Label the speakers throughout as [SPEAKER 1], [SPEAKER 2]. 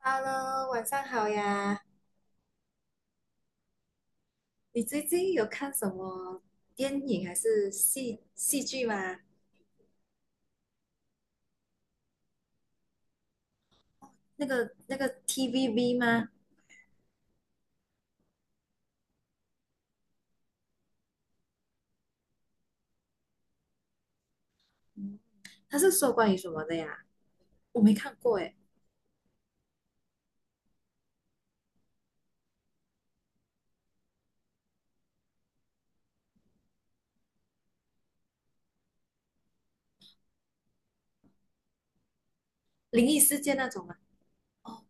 [SPEAKER 1] Hello，晚上好呀！你最近有看什么电影还是戏剧吗？那个 TVB 吗？他是说关于什么的呀？我没看过诶，灵异事件那种吗？哦，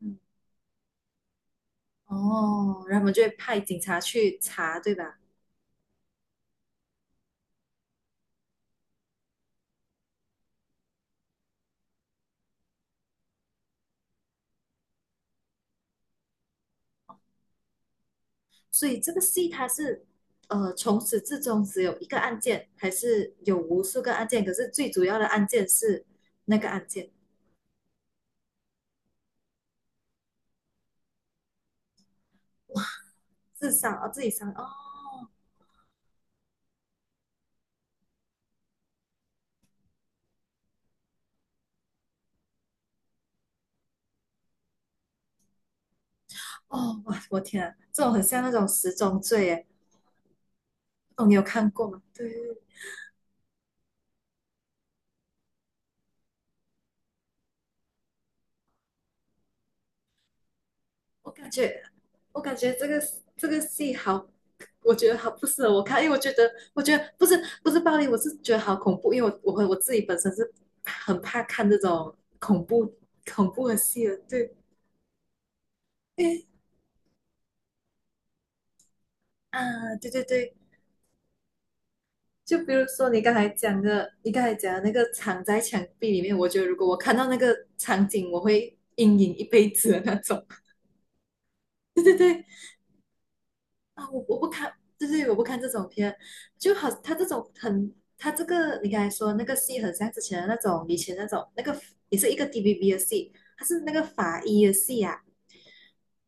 [SPEAKER 1] 嗯，哦，然后我们就会派警察去查，对吧？所以这个戏它是从始至终只有一个案件，还是有无数个案件？可是最主要的案件是那个案件，自杀哦，自己杀哦，哦，哇，我天啊，这种很像那种十宗罪耶。哦，你有看过吗？对，我感觉，我感觉这个戏好，我觉得好不适合我看，因为我觉得，我觉得不是不是暴力，我是觉得好恐怖，因为我自己本身是很怕看这种恐怖的戏的。对，诶啊，对对对，就比如说你刚才讲的，你刚才讲的那个藏在墙壁里面，我觉得如果我看到那个场景，我会阴影一辈子的那种。对对对，啊，我不看，就是我不看这种片，就好，他这种很，他这个你刚才说那个戏，很像之前的那种，以前那种那个也是一个 DVB 的戏，他是那个法医的戏啊，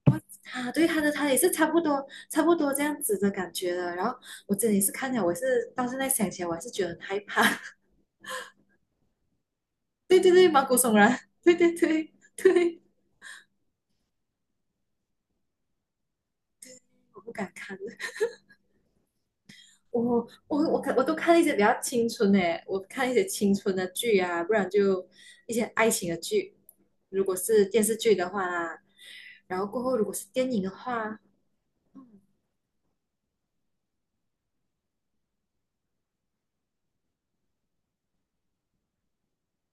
[SPEAKER 1] 哇啊，对，他也是差不多这样子的感觉的。然后我真的也是看了，我是到现在想起来，我还是觉得很害怕。对对对，毛骨悚然，对对对对，我不敢看。我都看一些比较青春的，我看一些青春的剧啊，不然就一些爱情的剧。如果是电视剧的话啦，然后过后如果是电影的话，嗯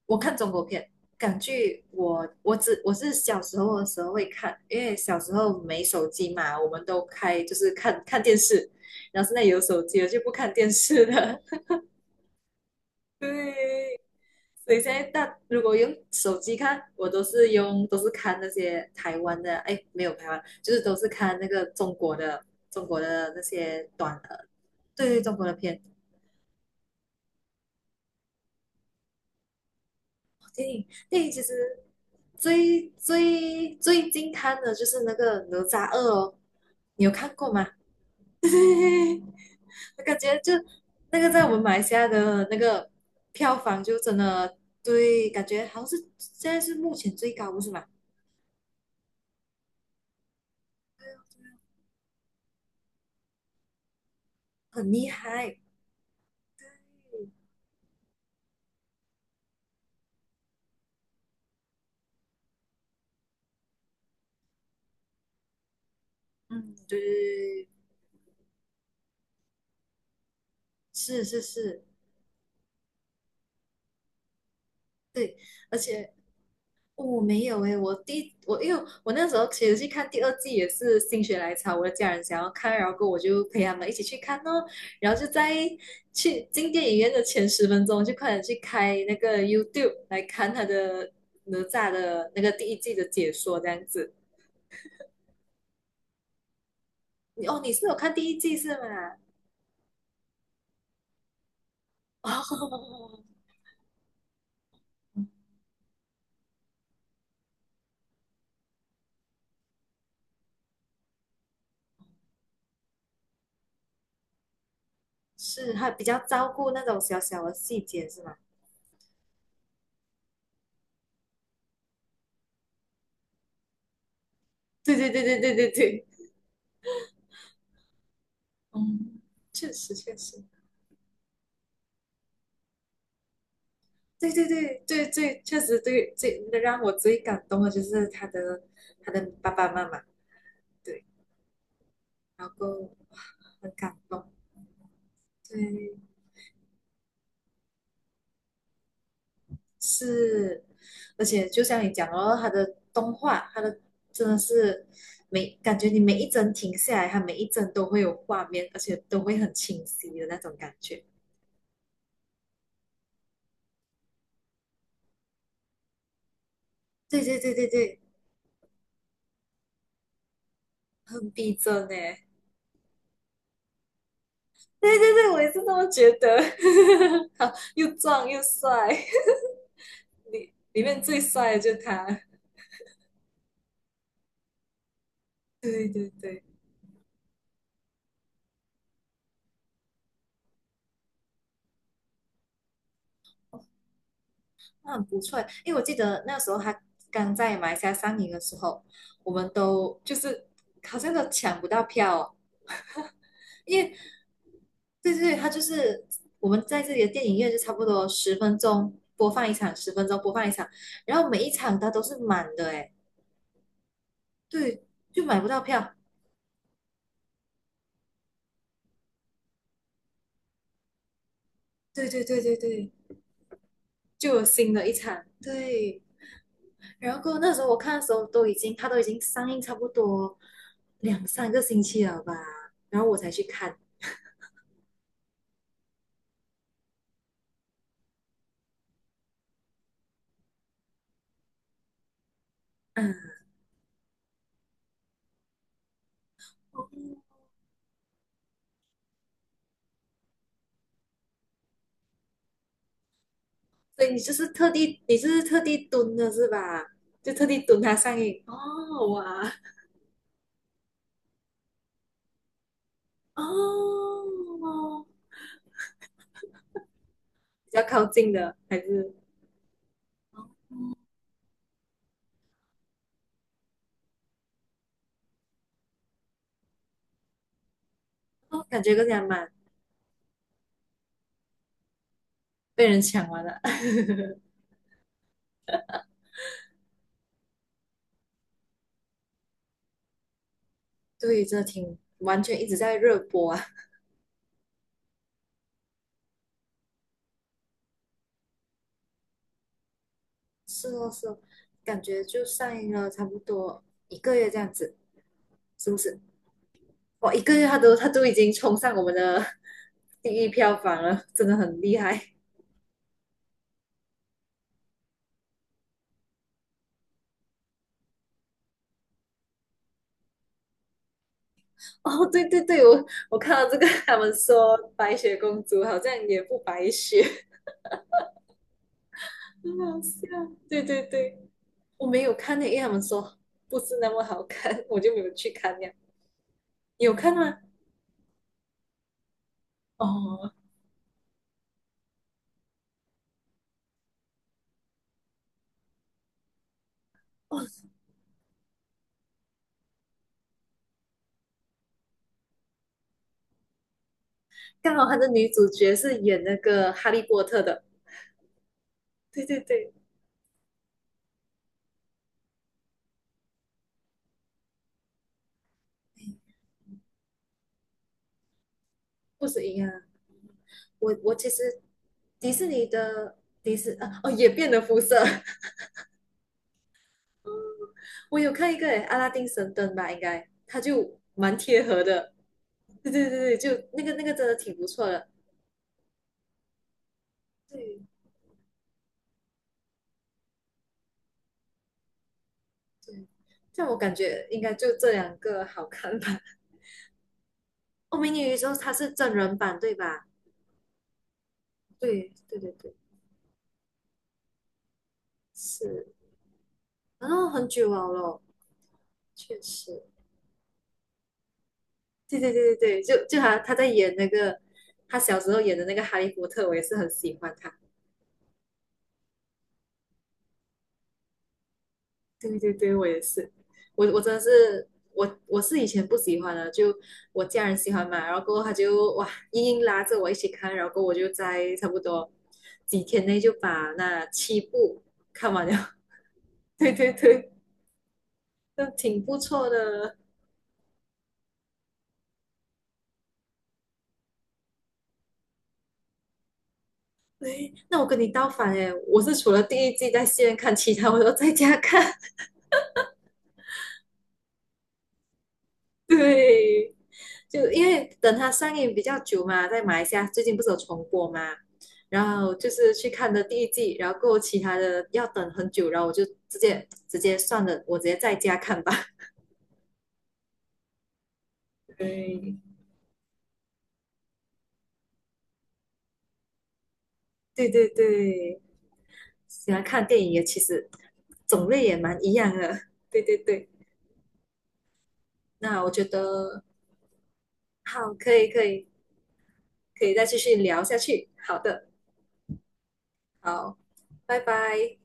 [SPEAKER 1] 我看中国片，港剧我是小时候的时候会看，因为小时候没手机嘛，我们都开就是看看电视，然后现在有手机了就不看电视了。对，所以现在大如果用手机看，我都是用都是看那些台湾的，哎，没有台湾，就是都是看那个中国的那些短的，对对，中国的片。电影电影其实最近看的就是那个《哪吒二》哦，你有看过吗？对，我感觉就那个在我们马来西亚的那个票房就真的对，感觉好像是现在是目前最高，不是吗？很厉害。嗯，对对对，是是是，对，而且我。哦我没有诶，我因为我那时候其实去看第二季也是心血来潮，我的家人想要看，然后我就陪他们一起去看哦，然后就在去进电影院的前10分钟就快点去开那个 YouTube 来看他的哪吒的那个第一季的解说这样子。你哦，你是有看第一季是吗？哦，是，还比较照顾那种小小的细节是吗？对对对对对对对，嗯，确实确实，对对对对对，确实对最让我最感动的就是他的他的爸爸妈妈，对，然后很感动，对，是，而且就像你讲哦，他的动画真的是每感觉你每一帧停下来，他每一帧都会有画面，而且都会很清晰的那种感觉，对对对对对，很逼真呢，对对对，我也是这么觉得。好，又壮又帅，里面最帅的就是他。对对对，那很不错。因为我记得那时候他刚在马来西亚上映的时候，我们都就是好像都抢不到票哦。因为对对对，他就是我们在这里的电影院就差不多十分钟播放一场，十分钟播放一场，然后每一场它都是满的哎，对，就买不到票。对对对对对，就有新的一场，对。然后那时候我看的时候都已经，它都已经上映差不多2、3个星期了吧，然后我才去看，嗯，所以你就是特地，你就是特地蹲的是吧？就特地蹲它上映。哦，哇，哦，比较靠近的还是，哦，感觉更加满，被人抢完了。对，这挺完全一直在热播啊。是哦，是哦，感觉就上映了差不多一个月这样子，是不是？哇，一个月他都已经冲上我们的 第1票房了，真的很厉害。哦，对对对，我我看到这个，他们说白雪公主好像也不白雪，很好笑。对对对，我没有看那，因为他们说不是那么好看，我就没有去看呀。你有看吗？哦哦，刚好他的女主角是演那个哈利波特的。对对对，不止一样啊。我其实迪士尼的迪士哦也变了肤色。我有看一个诶，阿拉丁神灯吧，应该它就蛮贴合的。对对对对，就那个真的挺不错的。对对，但我感觉应该就这两个好看吧。哦，美女与野兽它是真人版对吧？对对对对，是。然后很久了咯，确实。对对对对对，就就他在演那个他小时候演的那个哈利波特，我也是很喜欢他。对对对，我也是，我真的是我是以前不喜欢的，就我家人喜欢嘛，然后过后他就哇硬硬拉着我一起看，然后过后我就在差不多几天内就把那7部看完了。对对对，那挺不错的。对，那我跟你倒反诶，我是除了第一季在戏院看，其他我都在家看。对，就因为等它上映比较久嘛，在马来西亚最近不是有重播嘛，然后就是去看的第一季，然后过后其他的要等很久，然后我就直接算了，我直接在家看吧。对，对对对，喜欢看电影也其实种类也蛮一样的。对对对，那我觉得好，可以再继续聊下去。好的，好，拜拜。